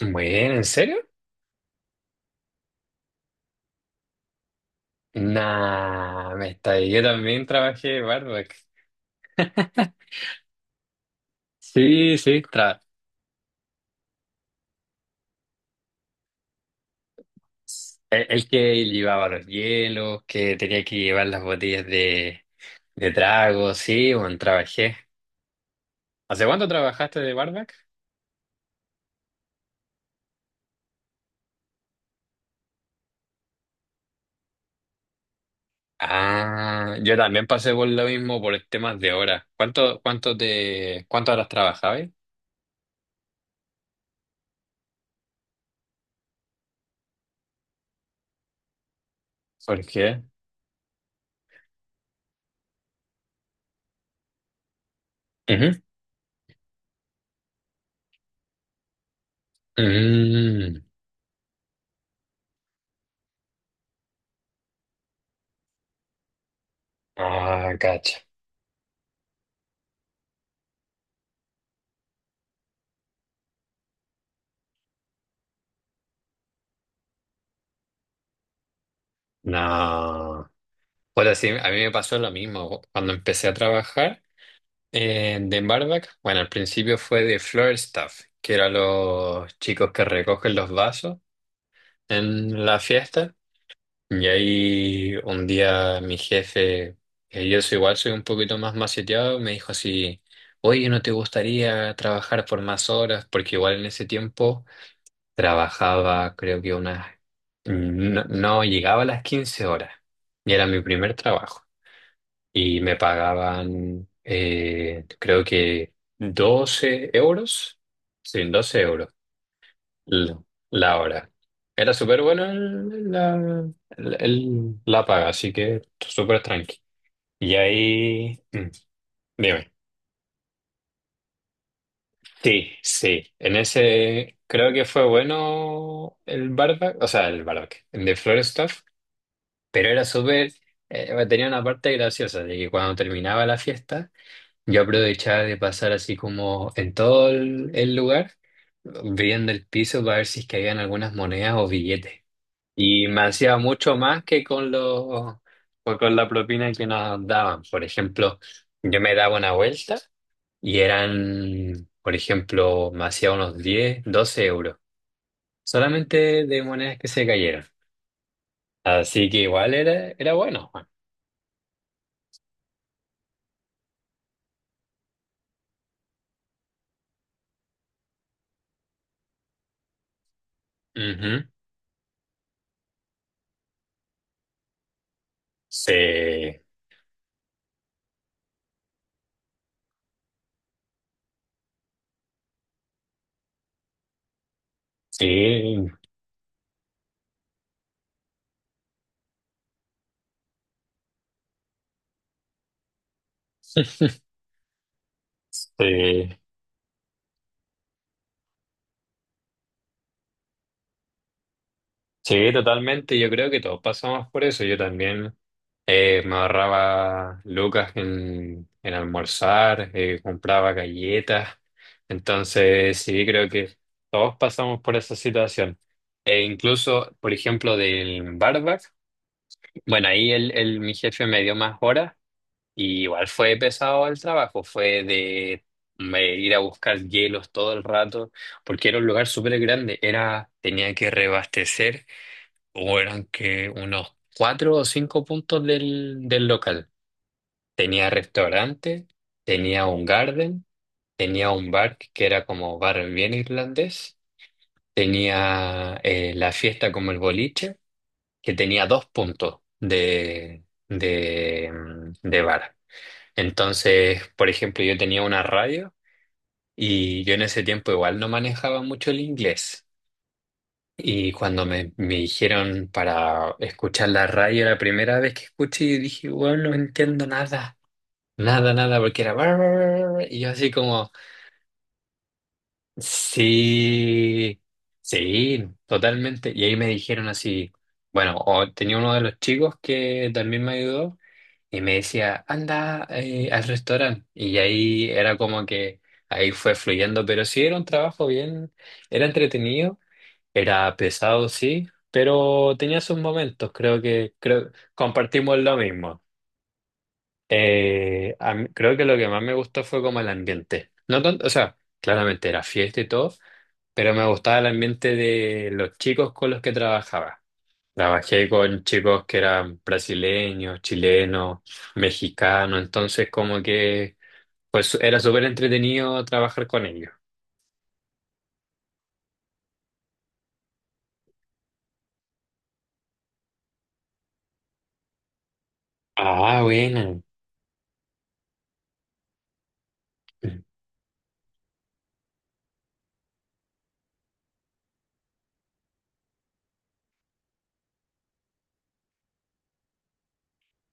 Bueno, ¿en serio? Nah, me está ahí. Yo también trabajé barback. Sí, sí, el que llevaba los hielos, que tenía que llevar las botellas de trago, sí, bueno, trabajé. ¿Hace cuánto trabajaste de barback? Ah, yo también pasé por lo mismo por temas de horas. ¿Cuántas horas trabajabas? ¿Por qué? Ujú. Mm. Ah, cacha. No. Bueno, sí, a mí me pasó lo mismo cuando empecé a trabajar en de barback. Bueno, al principio fue de floor staff, que eran los chicos que recogen los vasos en la fiesta. Y ahí un día mi jefe, que yo soy igual soy un poquito más maceteado, me dijo así, oye, ¿no te gustaría trabajar por más horas? Porque igual en ese tiempo trabajaba, creo que unas, no, no llegaba a las 15 horas. Y era mi primer trabajo y me pagaban, creo que 12 euros, sí, 12 euros l- la hora. Era súper bueno la paga, así que súper tranqui. Y ahí, dime. Sí, sí, en ese creo que fue bueno el barback, o sea, el barback, el de Florestaff, pero era súper, tenía una parte graciosa de que cuando terminaba la fiesta, yo aprovechaba de pasar así como en todo el lugar, viendo el piso para ver si es que habían algunas monedas o billetes. Y me hacía mucho más que con pues con la propina que nos daban. Por ejemplo, yo me daba una vuelta y eran, por ejemplo, me hacía unos 10 12 euros, solamente de monedas que se cayeron. Así que igual era bueno. Ujú. Sí, sí, sí. Sí, totalmente. Yo creo que todos pasamos por eso. Yo también me ahorraba lucas en almorzar, compraba galletas. Entonces, sí, creo que todos pasamos por esa situación. E incluso, por ejemplo, del barback, bueno, ahí mi jefe me dio más horas y igual fue pesado el trabajo. Fue de me ir a buscar hielos todo el rato, porque era un lugar súper grande. Era, tenía que reabastecer o eran que unos cuatro o cinco puntos del local. Tenía restaurante, tenía un garden, tenía un bar que era como bar bien irlandés, tenía la fiesta como el boliche, que tenía dos puntos de bar. Entonces, por ejemplo, yo tenía una radio y yo en ese tiempo igual no manejaba mucho el inglés. Y cuando me dijeron para escuchar la radio la primera vez que escuché, dije, bueno, no entiendo nada, nada, nada, porque era, bar, bar, bar, bar, y yo así como, sí, sí, totalmente. Y ahí me dijeron así, bueno, o tenía uno de los chicos que también me ayudó y me decía, anda al restaurante. Y ahí era como que ahí fue fluyendo, pero sí era un trabajo bien, era entretenido. Era pesado, sí, pero tenía sus momentos, compartimos lo mismo. Creo que lo que más me gustó fue como el ambiente. No tanto, o sea, claramente era fiesta y todo, pero me gustaba el ambiente de los chicos con los que trabajaba. Trabajé con chicos que eran brasileños, chilenos, mexicanos, entonces como que pues era súper entretenido trabajar con ellos. Ah, bueno.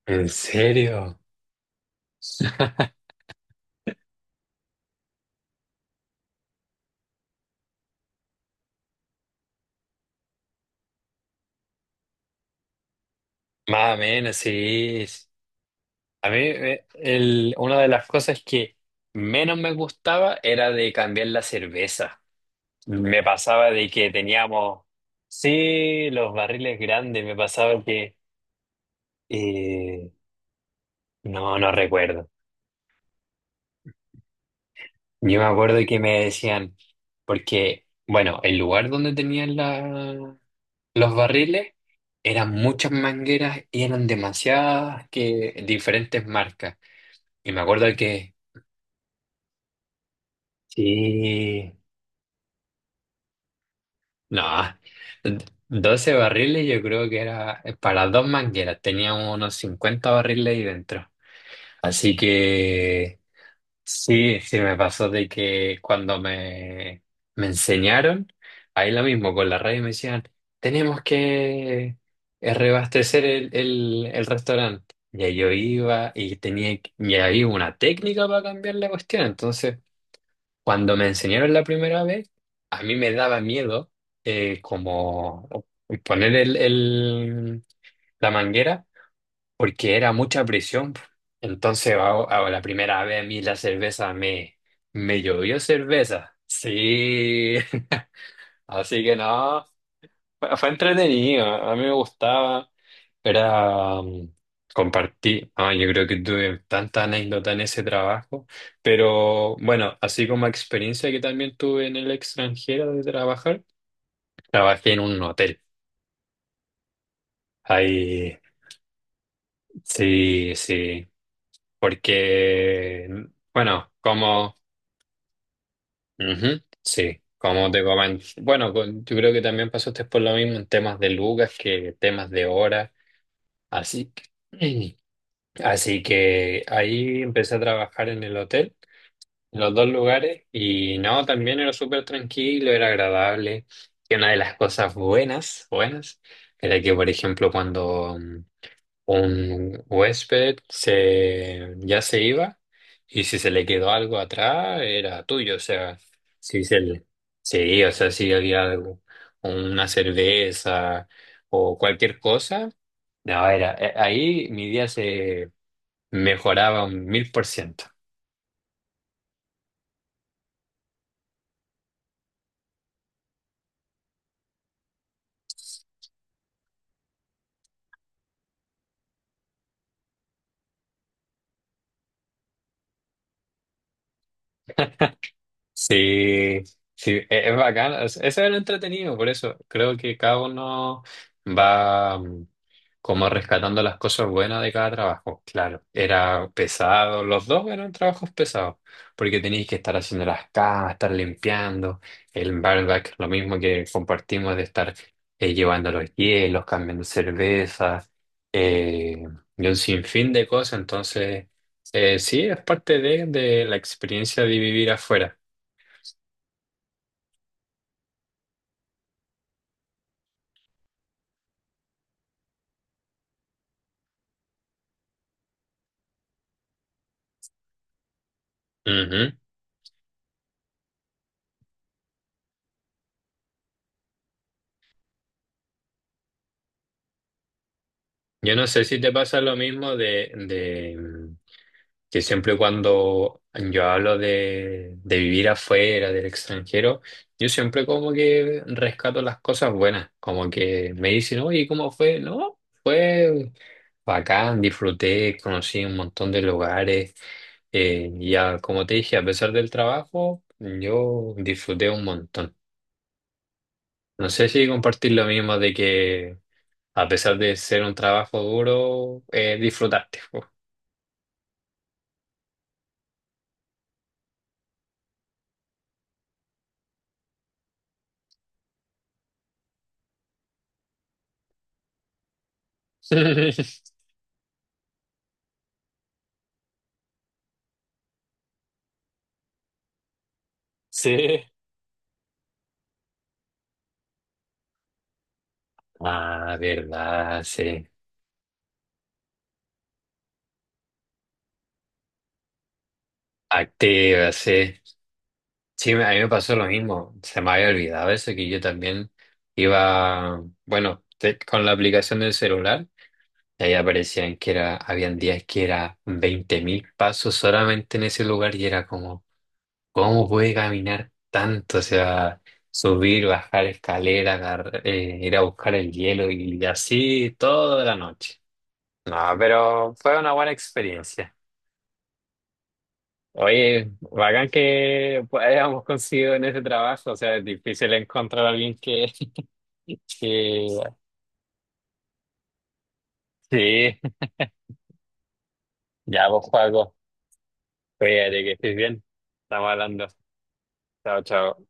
¿En serio? Más o menos, sí. A mí una de las cosas que menos me gustaba era de cambiar la cerveza. Me pasaba de que teníamos, sí, los barriles grandes, me pasaba que, eh, no, no recuerdo. Yo me acuerdo que me decían, porque, bueno, el lugar donde tenían los barriles eran muchas mangueras y eran demasiadas que diferentes marcas. Y me acuerdo que. Sí. No, 12 barriles yo creo que era para dos mangueras, teníamos unos 50 barriles ahí dentro. Así que sí, sí me pasó de que cuando me enseñaron, ahí lo mismo, con la radio me decían, tenemos que rebastecer el restaurante. Y ahí yo iba y tenía, y había una técnica para cambiar la cuestión, entonces. Cuando me enseñaron la primera vez, a mí me daba miedo como poner la manguera porque era mucha presión. Entonces, a la primera vez a mí la cerveza me llovió cerveza. Sí, así que no, fue entretenido, a mí me gustaba. Era compartí, yo creo que tuve tanta anécdota en ese trabajo, pero bueno, así como experiencia que también tuve en el extranjero de trabajar, trabajé en un hotel. Ahí, sí, sí, porque, bueno, como, ujú, sí, como te comenté, bueno, yo creo que también pasaste por lo mismo en temas de lucas que temas de horas, así que, así que ahí empecé a trabajar en el hotel. Los dos lugares y no, también era súper tranquilo, era agradable. Y una de las cosas buenas, buenas, era que, por ejemplo, cuando un huésped ya se iba y si se le quedó algo atrás, era tuyo, o sea, si se le- sí, o sea, si había algo, una cerveza o cualquier cosa, no, ahí mi día se mejoraba 1000%. Sí, sí, es bacán. Eso es lo entretenido, por eso creo que cada uno va como rescatando las cosas buenas de cada trabajo. Claro, era pesado, los dos eran trabajos pesados, porque tenéis que estar haciendo las camas, estar limpiando, el barback, lo mismo que compartimos de estar llevando los hielos, cambiando cervezas, eh, y un sinfín de cosas. Entonces, sí, es parte de la experiencia de vivir afuera. Ujú. Yo no sé si te pasa lo mismo que siempre cuando yo hablo de vivir afuera, del extranjero, yo siempre como que rescato las cosas buenas, como que me dicen, oye, ¿cómo fue? No, fue bacán, disfruté, conocí un montón de lugares, ya como te dije, a pesar del trabajo, yo disfruté un montón. No sé si compartir lo mismo de que a pesar de ser un trabajo duro, disfrutaste. Po. Sí. Ah, verdad, sí. Activa, sí. Sí, a mí me pasó lo mismo. Se me había olvidado eso, que yo también iba, bueno, con la aplicación del celular, y ahí aparecían que era, habían días que era 20.000 pasos solamente en ese lugar y era como. ¿Cómo puede caminar tanto? O sea, subir, bajar escalera, ir a buscar el hielo y así toda la noche. No, pero fue una buena experiencia. Oye, bacán que pues, hayamos conseguido en ese trabajo. O sea, es difícil encontrar a alguien que... Sí, ya vos, Juaco. Cuídate que estés bien. Estamos hablando. Chao, chao.